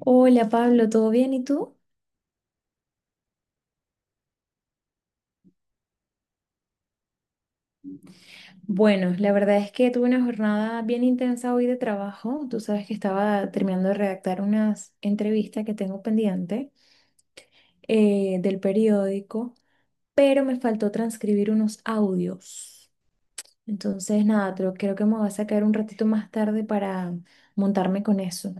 Hola Pablo, ¿todo bien? ¿Y tú? Bueno, la verdad es que tuve una jornada bien intensa hoy de trabajo. Tú sabes que estaba terminando de redactar unas entrevistas que tengo pendiente del periódico, pero me faltó transcribir unos audios. Entonces, nada, creo que me voy a sacar un ratito más tarde para montarme con eso.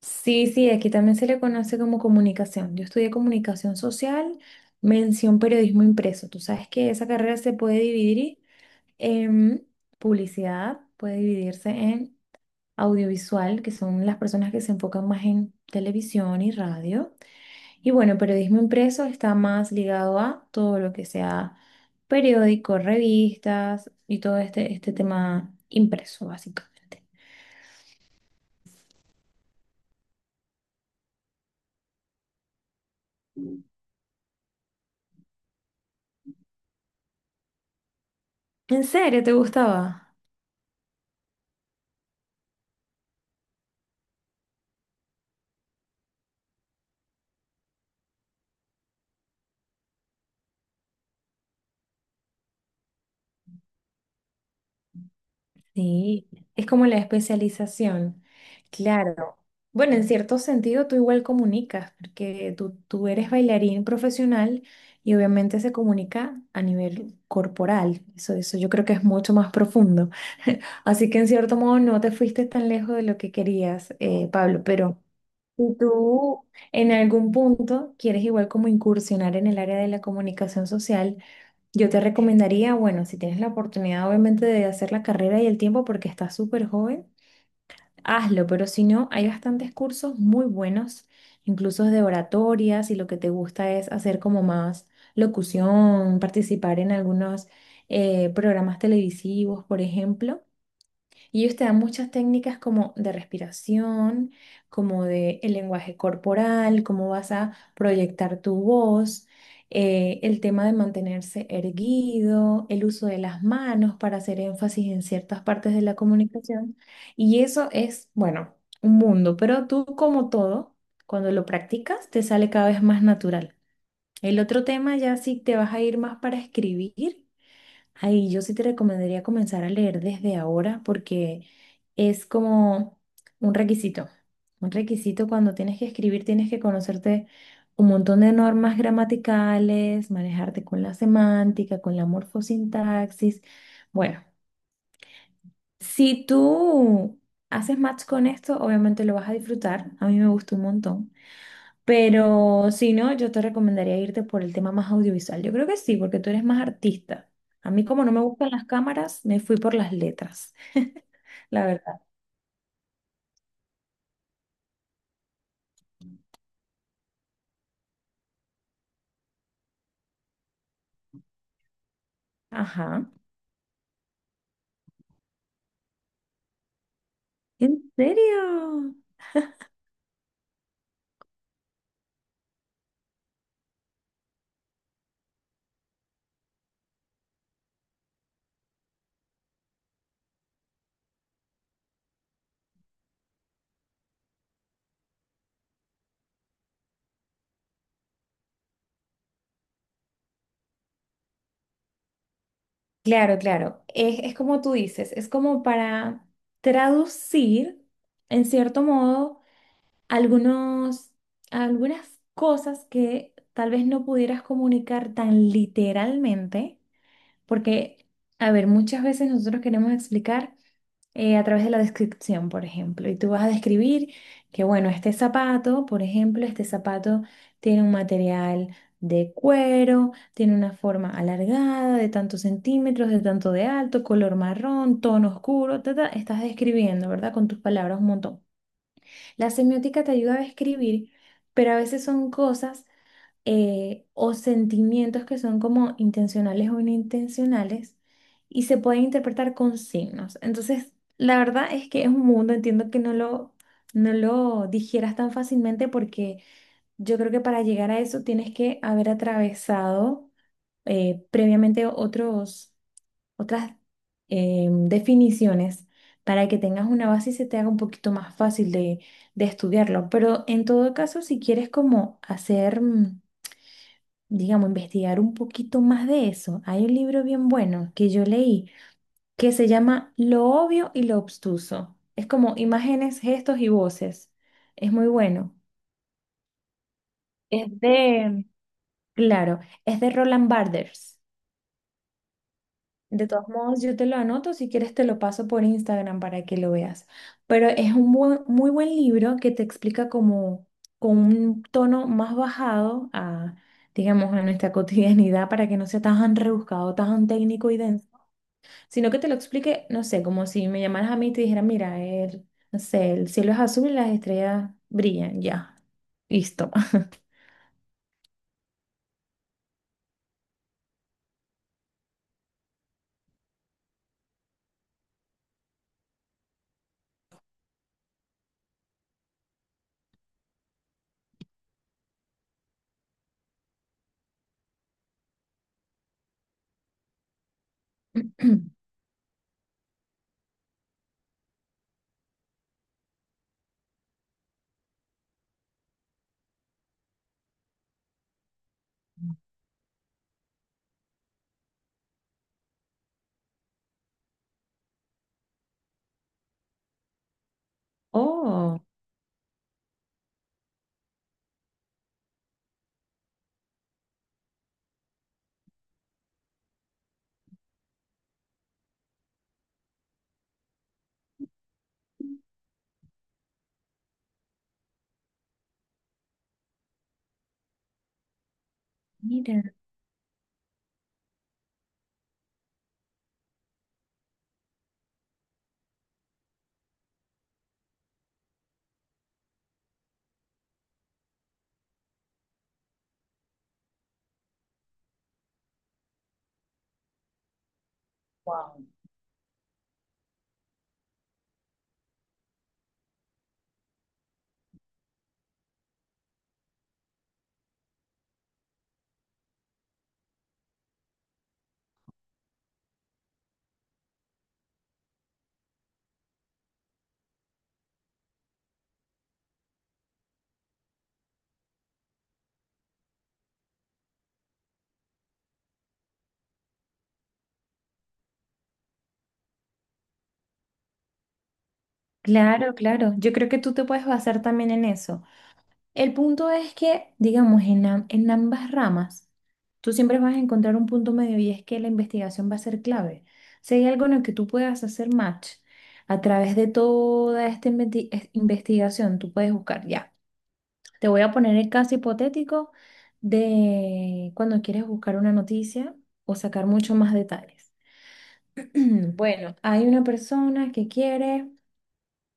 Sí, sí, aquí también se le conoce como comunicación. Yo estudié comunicación social, mención periodismo impreso. Tú sabes que esa carrera se puede dividir. Em, Publicidad puede dividirse en audiovisual, que son las personas que se enfocan más en televisión y radio. Y bueno, periodismo impreso está más ligado a todo lo que sea periódicos, revistas y todo este tema impreso, básicamente. ¿En serio te gustaba? Sí, es como la especialización. Claro. Bueno, en cierto sentido tú igual comunicas, porque tú eres bailarín profesional y obviamente se comunica a nivel corporal. Eso, yo creo que es mucho más profundo. Así que en cierto modo no te fuiste tan lejos de lo que querías, Pablo, pero si tú en algún punto quieres igual como incursionar en el área de la comunicación social, yo te recomendaría, bueno, si tienes la oportunidad obviamente de hacer la carrera y el tiempo porque estás súper joven, hazlo, pero si no, hay bastantes cursos muy buenos, incluso de oratoria, si lo que te gusta es hacer como más locución, participar en algunos programas televisivos, por ejemplo. Y ellos te dan muchas técnicas como de respiración, como de el lenguaje corporal, cómo vas a proyectar tu voz, el tema de mantenerse erguido, el uso de las manos para hacer énfasis en ciertas partes de la comunicación. Y eso es, bueno, un mundo, pero tú como todo, cuando lo practicas, te sale cada vez más natural. El otro tema ya sí te vas a ir más para escribir. Ahí yo sí te recomendaría comenzar a leer desde ahora porque es como un requisito. Un requisito cuando tienes que escribir, tienes que conocerte un montón de normas gramaticales, manejarte con la semántica, con la morfosintaxis. Bueno, si tú haces match con esto, obviamente lo vas a disfrutar. A mí me gustó un montón. Pero si no, yo te recomendaría irte por el tema más audiovisual. Yo creo que sí, porque tú eres más artista. A mí como no me gustan las cámaras, me fui por las letras, la verdad. Ajá. ¿En serio? Claro, claro. Es como tú dices, es como para traducir, en cierto modo, algunos, algunas cosas que tal vez no pudieras comunicar tan literalmente, porque, a ver, muchas veces nosotros queremos explicar a través de la descripción, por ejemplo. Y tú vas a describir que, bueno, este zapato, por ejemplo, este zapato tiene un material de cuero, tiene una forma alargada de tantos centímetros, de tanto de alto, color marrón, tono oscuro, ta, ta. Estás describiendo, ¿verdad? Con tus palabras un montón. La semiótica te ayuda a describir, pero a veces son cosas, o sentimientos que son como intencionales o inintencionales y se pueden interpretar con signos. Entonces, la verdad es que es un mundo, entiendo que no lo digieras tan fácilmente porque yo creo que para llegar a eso tienes que haber atravesado previamente otros, otras definiciones para que tengas una base y se te haga un poquito más fácil de estudiarlo. Pero en todo caso, si quieres como hacer digamos, investigar un poquito más de eso. Hay un libro bien bueno que yo leí que se llama Lo obvio y lo obstuso. Es como imágenes, gestos y voces. Es muy bueno. Es de, claro, es de Roland Barthes. De todos modos, yo te lo anoto, si quieres te lo paso por Instagram para que lo veas. Pero es un muy buen libro que te explica como con un tono más bajado a, digamos, a nuestra cotidianidad para que no sea tan rebuscado, tan técnico y denso, sino que te lo explique, no sé, como si me llamaras a mí y te dijera, mira, no sé, el cielo es azul y las estrellas brillan, ya, listo. Oh, mira. Wow. Claro, claro. Yo creo que tú te puedes basar también en eso. El punto es que, digamos, en ambas ramas, tú siempre vas a encontrar un punto medio y es que la investigación va a ser clave. Si hay algo en el que tú puedas hacer match a través de toda esta investigación, tú puedes buscar, ya. Te voy a poner el caso hipotético de cuando quieres buscar una noticia o sacar mucho más detalles. Bueno, hay una persona que quiere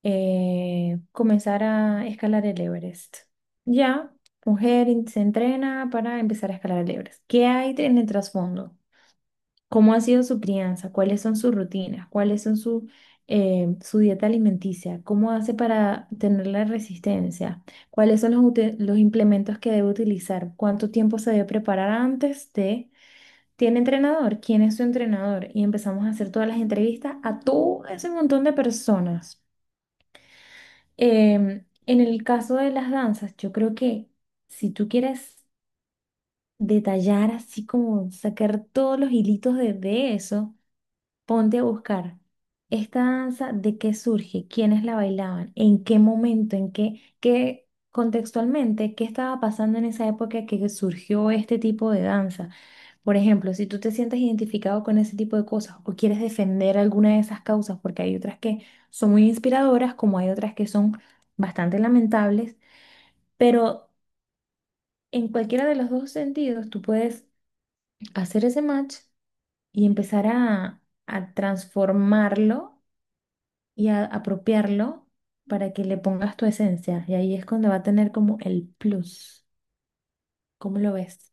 comenzar a escalar el Everest. Ya, se entrena para empezar a escalar el Everest. ¿Qué hay en el trasfondo? ¿Cómo ha sido su crianza? ¿Cuáles son sus rutinas? ¿Cuáles son su dieta alimenticia? ¿Cómo hace para tener la resistencia? ¿Cuáles son los implementos que debe utilizar? ¿Cuánto tiempo se debe preparar antes de... ¿Tiene entrenador? ¿Quién es su entrenador? Y empezamos a hacer todas las entrevistas a todo ese montón de personas. En el caso de las danzas, yo creo que si tú quieres detallar así como sacar todos los hilitos de eso. Ponte a buscar esta danza, de qué surge, quiénes la bailaban, en qué momento, qué contextualmente, qué estaba pasando en esa época que surgió este tipo de danza. Por ejemplo, si tú te sientes identificado con ese tipo de cosas o quieres defender alguna de esas causas, porque hay otras que son muy inspiradoras, como hay otras que son bastante lamentables, pero en cualquiera de los dos sentidos tú puedes hacer ese match y empezar a transformarlo y apropiarlo para que le pongas tu esencia. Y ahí es cuando va a tener como el plus. ¿Cómo lo ves?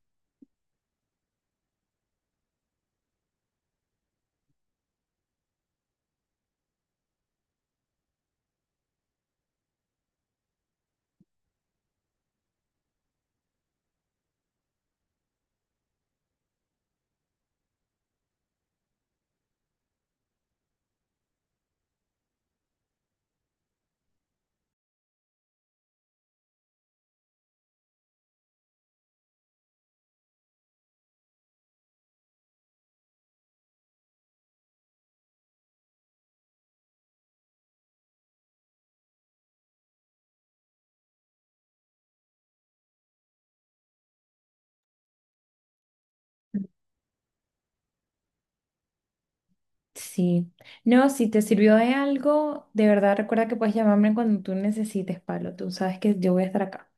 Sí. No, si te sirvió de algo, de verdad recuerda que puedes llamarme cuando tú necesites, Pablo. Tú sabes que yo voy a estar acá.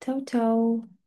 Chau, chau.